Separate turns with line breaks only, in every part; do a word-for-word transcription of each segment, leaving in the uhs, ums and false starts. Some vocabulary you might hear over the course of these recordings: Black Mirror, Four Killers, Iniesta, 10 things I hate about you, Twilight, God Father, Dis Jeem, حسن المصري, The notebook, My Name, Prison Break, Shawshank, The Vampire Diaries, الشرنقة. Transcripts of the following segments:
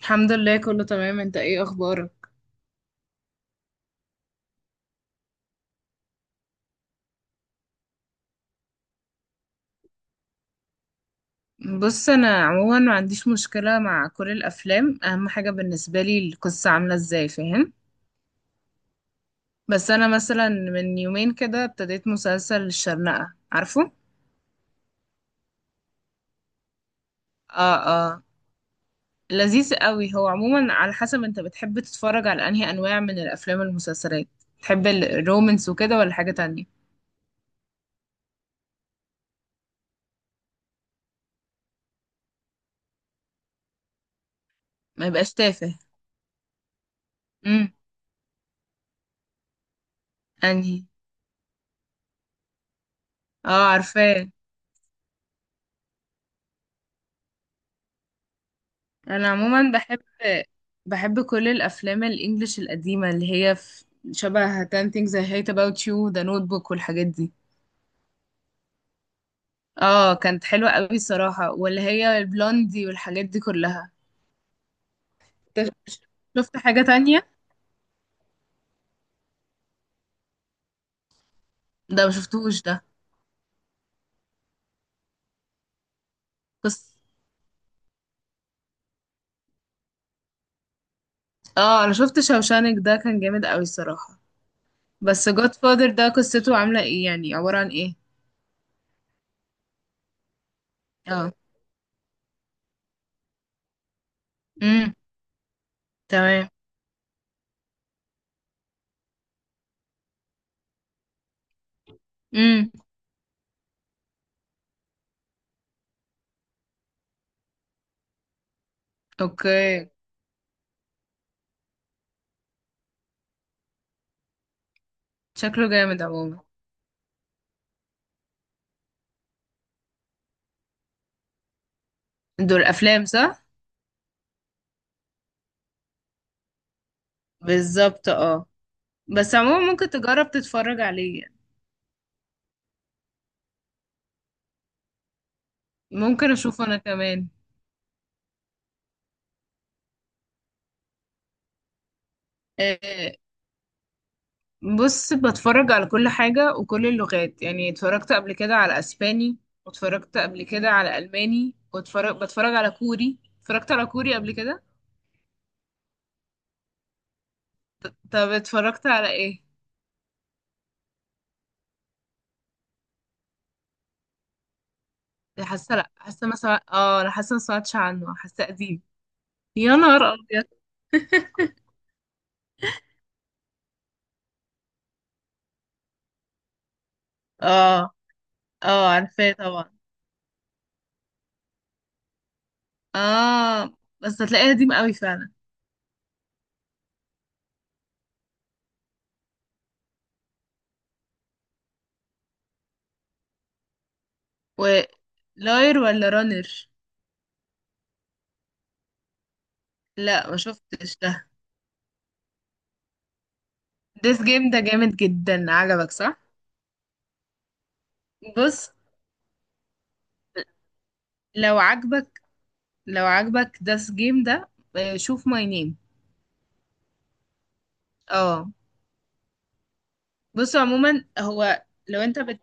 الحمد لله، كله تمام. انت ايه اخبارك؟ بص، انا عموما ما عنديش مشكلة مع كل الافلام، اهم حاجة بالنسبة لي القصة عاملة ازاي، فاهم؟ بس انا مثلا من يومين كده ابتديت مسلسل الشرنقة، عارفه؟ اه. اه، لذيذ قوي. هو عموما على حسب انت بتحب تتفرج على انهي انواع من الافلام والمسلسلات، تحب الرومانس وكده ولا حاجة تانية؟ ما يبقاش تافه. امم انهي؟ اه، عارفاه. انا عموما بحب بحب كل الافلام الانجليش القديمه اللي هي في شبه تن things I hate about you، The notebook والحاجات دي. اه، كانت حلوه قوي صراحه، واللي هي البلوندي والحاجات دي كلها. انت ش- شفت حاجه تانية؟ ده ما شفتوش ده. بس اه، انا شفت شوشانك ده، كان جامد قوي صراحه. بس God Father ده قصته عامله ايه يعني، عباره عن ايه؟ اه. امم تمام. امم اوكي. شكله جامد عموما. دول افلام صح؟ بالظبط، اه. بس عموما ممكن تجرب تتفرج عليه يعني. ممكن اشوفه انا كمان. آه، بص، بتفرج على كل حاجة وكل اللغات. يعني اتفرجت قبل كده على اسباني، واتفرجت قبل كده على الماني، واتفرج بتفرج على كوري، اتفرجت على كوري قبل كده. طب اتفرجت على ايه؟ حاسه، لا حاسه ما سمع... اه انا حاسه ما سمعتش عنه، حاسه قديم. يا نهار ابيض. اه. اه، عارفاه طبعا. اه، بس هتلاقيه قديم قوي فعلا. ولاير ولا رانر؟ لا ما شفتش ده. ديس جيم ده جامد جدا، عجبك صح؟ بص، لو عجبك لو عجبك ديس جيم ده، آه، شوف ماي نيم. اه. بص عموما هو لو انت بت...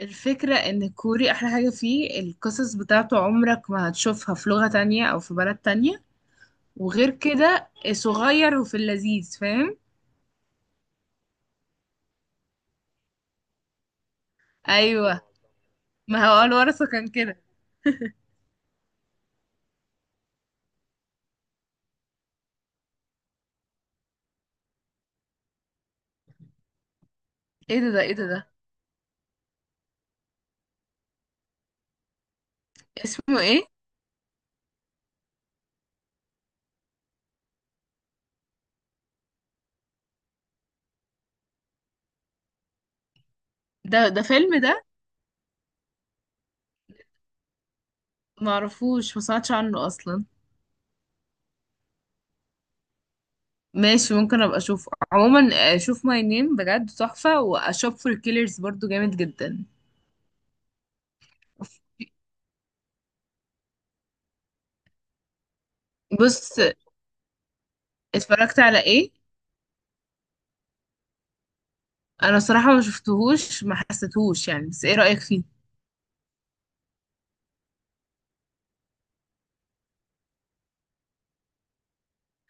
الفكرة ان الكوري احلى حاجة فيه القصص بتاعته، عمرك ما هتشوفها في لغة تانية او في بلد تانية. وغير كده صغير، وفي اللذيذ، فاهم؟ ايوه، ما هو الورثة كان كده. ايه ده ده ايه ده ده؟ اسمه ايه ده ده فيلم ده؟ معرفوش، ما سمعتش عنه اصلا. ماشي، ممكن ابقى اشوفه عموما. اشوف ماي نيم بجد تحفة، واشوف فور كيلرز برضو جامد جدا. بص، اتفرجت على ايه؟ انا صراحة ما شفتهوش، ما حسيتهوش يعني. بس ايه رأيك فيه؟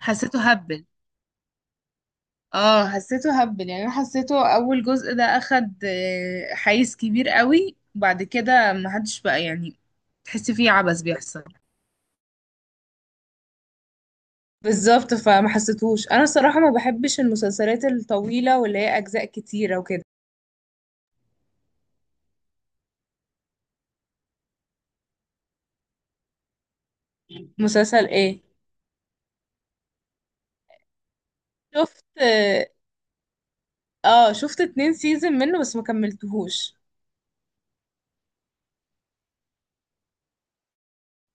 حسيته هبل. اه حسيته هبل، يعني انا حسيته اول جزء ده اخد آه، حيز كبير قوي، وبعد كده ما حدش بقى يعني تحس فيه عبث بيحصل. بالظبط، فما حسيتهوش انا صراحة. ما بحبش المسلسلات الطويلة واللي هي اجزاء كتيرة وكده. مسلسل ايه؟ شفت. اه شفت اتنين سيزون منه بس ما كملتهوش،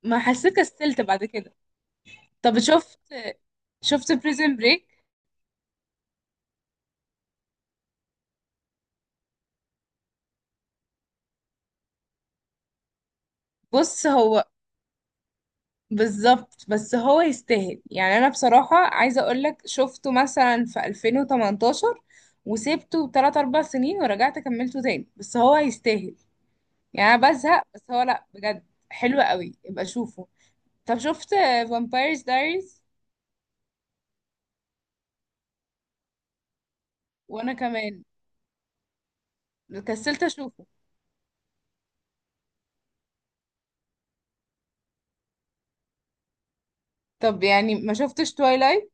ما حسيت، كسلت بعد كده. طب شفت، شفت بريزن بريك؟ بص، هو بالظبط، بس هو يستاهل يعني. انا بصراحة عايزة اقولك شفته مثلا في ألفين وتمنتاشر، وسيبته ثلاث اربعة سنين ورجعت كملته تاني، بس هو يستاهل. يعني انا بزهق، بس هو لا بجد حلو قوي، يبقى شوفه. طب شفت فامبايرز دايريز؟ وانا كمان كسلت اشوفه. طب يعني ما شفتش تويلايت؟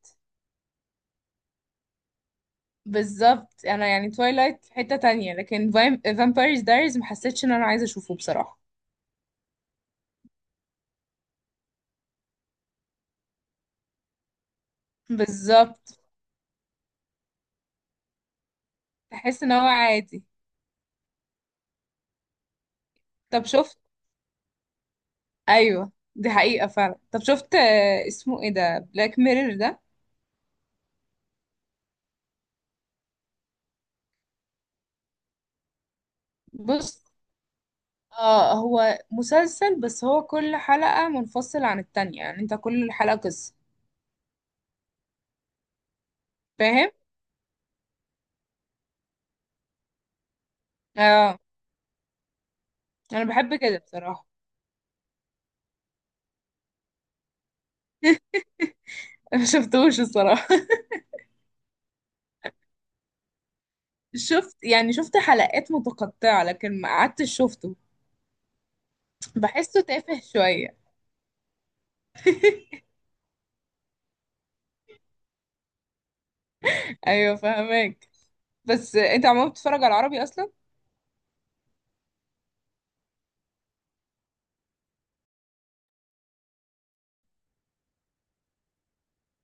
بالظبط. انا يعني تويلايت في حتة تانية، لكن فامبايرز دايريز ما حسيتش ان انا عايزة اشوفه بصراحة. بالظبط، تحس ان هو عادي. طب شفت. ايوه دي حقيقة فعلا. طب شفت، آه، اسمه ايه ده، بلاك ميرور ده؟ بص، اه هو مسلسل، بس هو كل حلقة منفصلة عن التانية. يعني انت كل حلقة قصة، فاهم؟ اه انا بحب كده بصراحة. ما شفتوش الصراحة. شفت يعني، شفت حلقات متقطعة لكن ما قعدتش شفته. بحسه تافه شوية. ايوه فهمك. بس انت عمال بتتفرج على العربي اصلا؟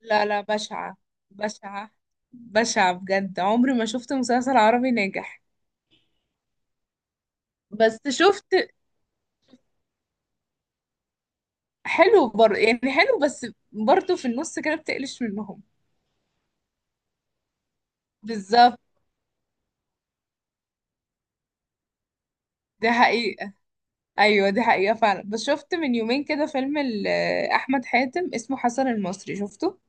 لا لا، بشعة. بشعة. بشعة بجد، عمري ما شفت مسلسل عربي ناجح. بس شفت، حلو بر... يعني حلو، بس برضه في النص كده بتقلش منهم. بالظبط، دي حقيقة. أيوة دي حقيقة فعلا. بس شفت من يومين كده فيلم ال- أحمد حاتم، اسمه حسن المصري، شفته؟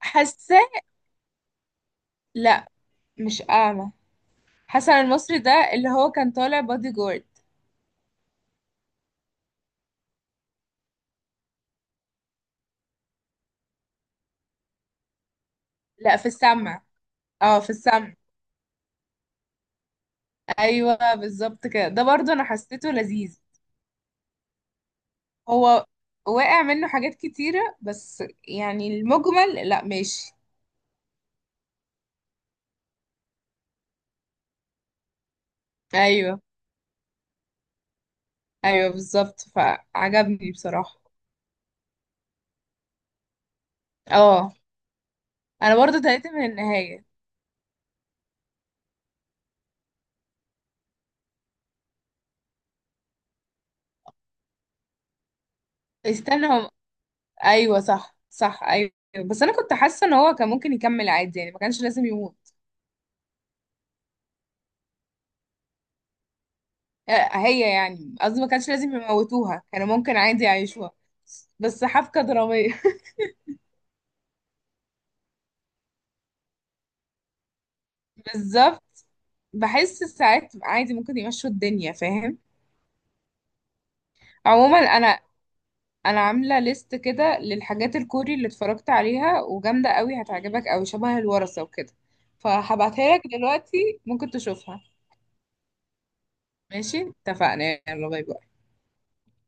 حاسة، لا مش أعمى. حسن المصري ده اللي هو كان طالع بادي جارد. لا في السمع. اه في السمع. ايوه بالظبط كده. ده برضو انا حسيته لذيذ. هو واقع منه حاجات كتيرة، بس يعني المجمل لا ماشي. ايوه، ايوه بالظبط، فعجبني بصراحة. اه انا برضو تهيت من النهاية. استنى هم. ايوه صح صح، ايوه. بس انا كنت حاسة ان هو كان ممكن يكمل عادي، يعني ما كانش لازم يموت. آه، هي يعني، قصدي ما كانش لازم يموتوها، كانوا ممكن عادي يعيشوها. بس حبكة درامية. بالظبط. بحس ساعات عادي ممكن يمشوا الدنيا، فاهم؟ عموما انا، انا عامله ليست كده للحاجات الكوري اللي اتفرجت عليها وجامده قوي، هتعجبك قوي، شبه الورثه وكده، فهبعتها لك دلوقتي ممكن تشوفها. ماشي، اتفقنا، يلا باي باي.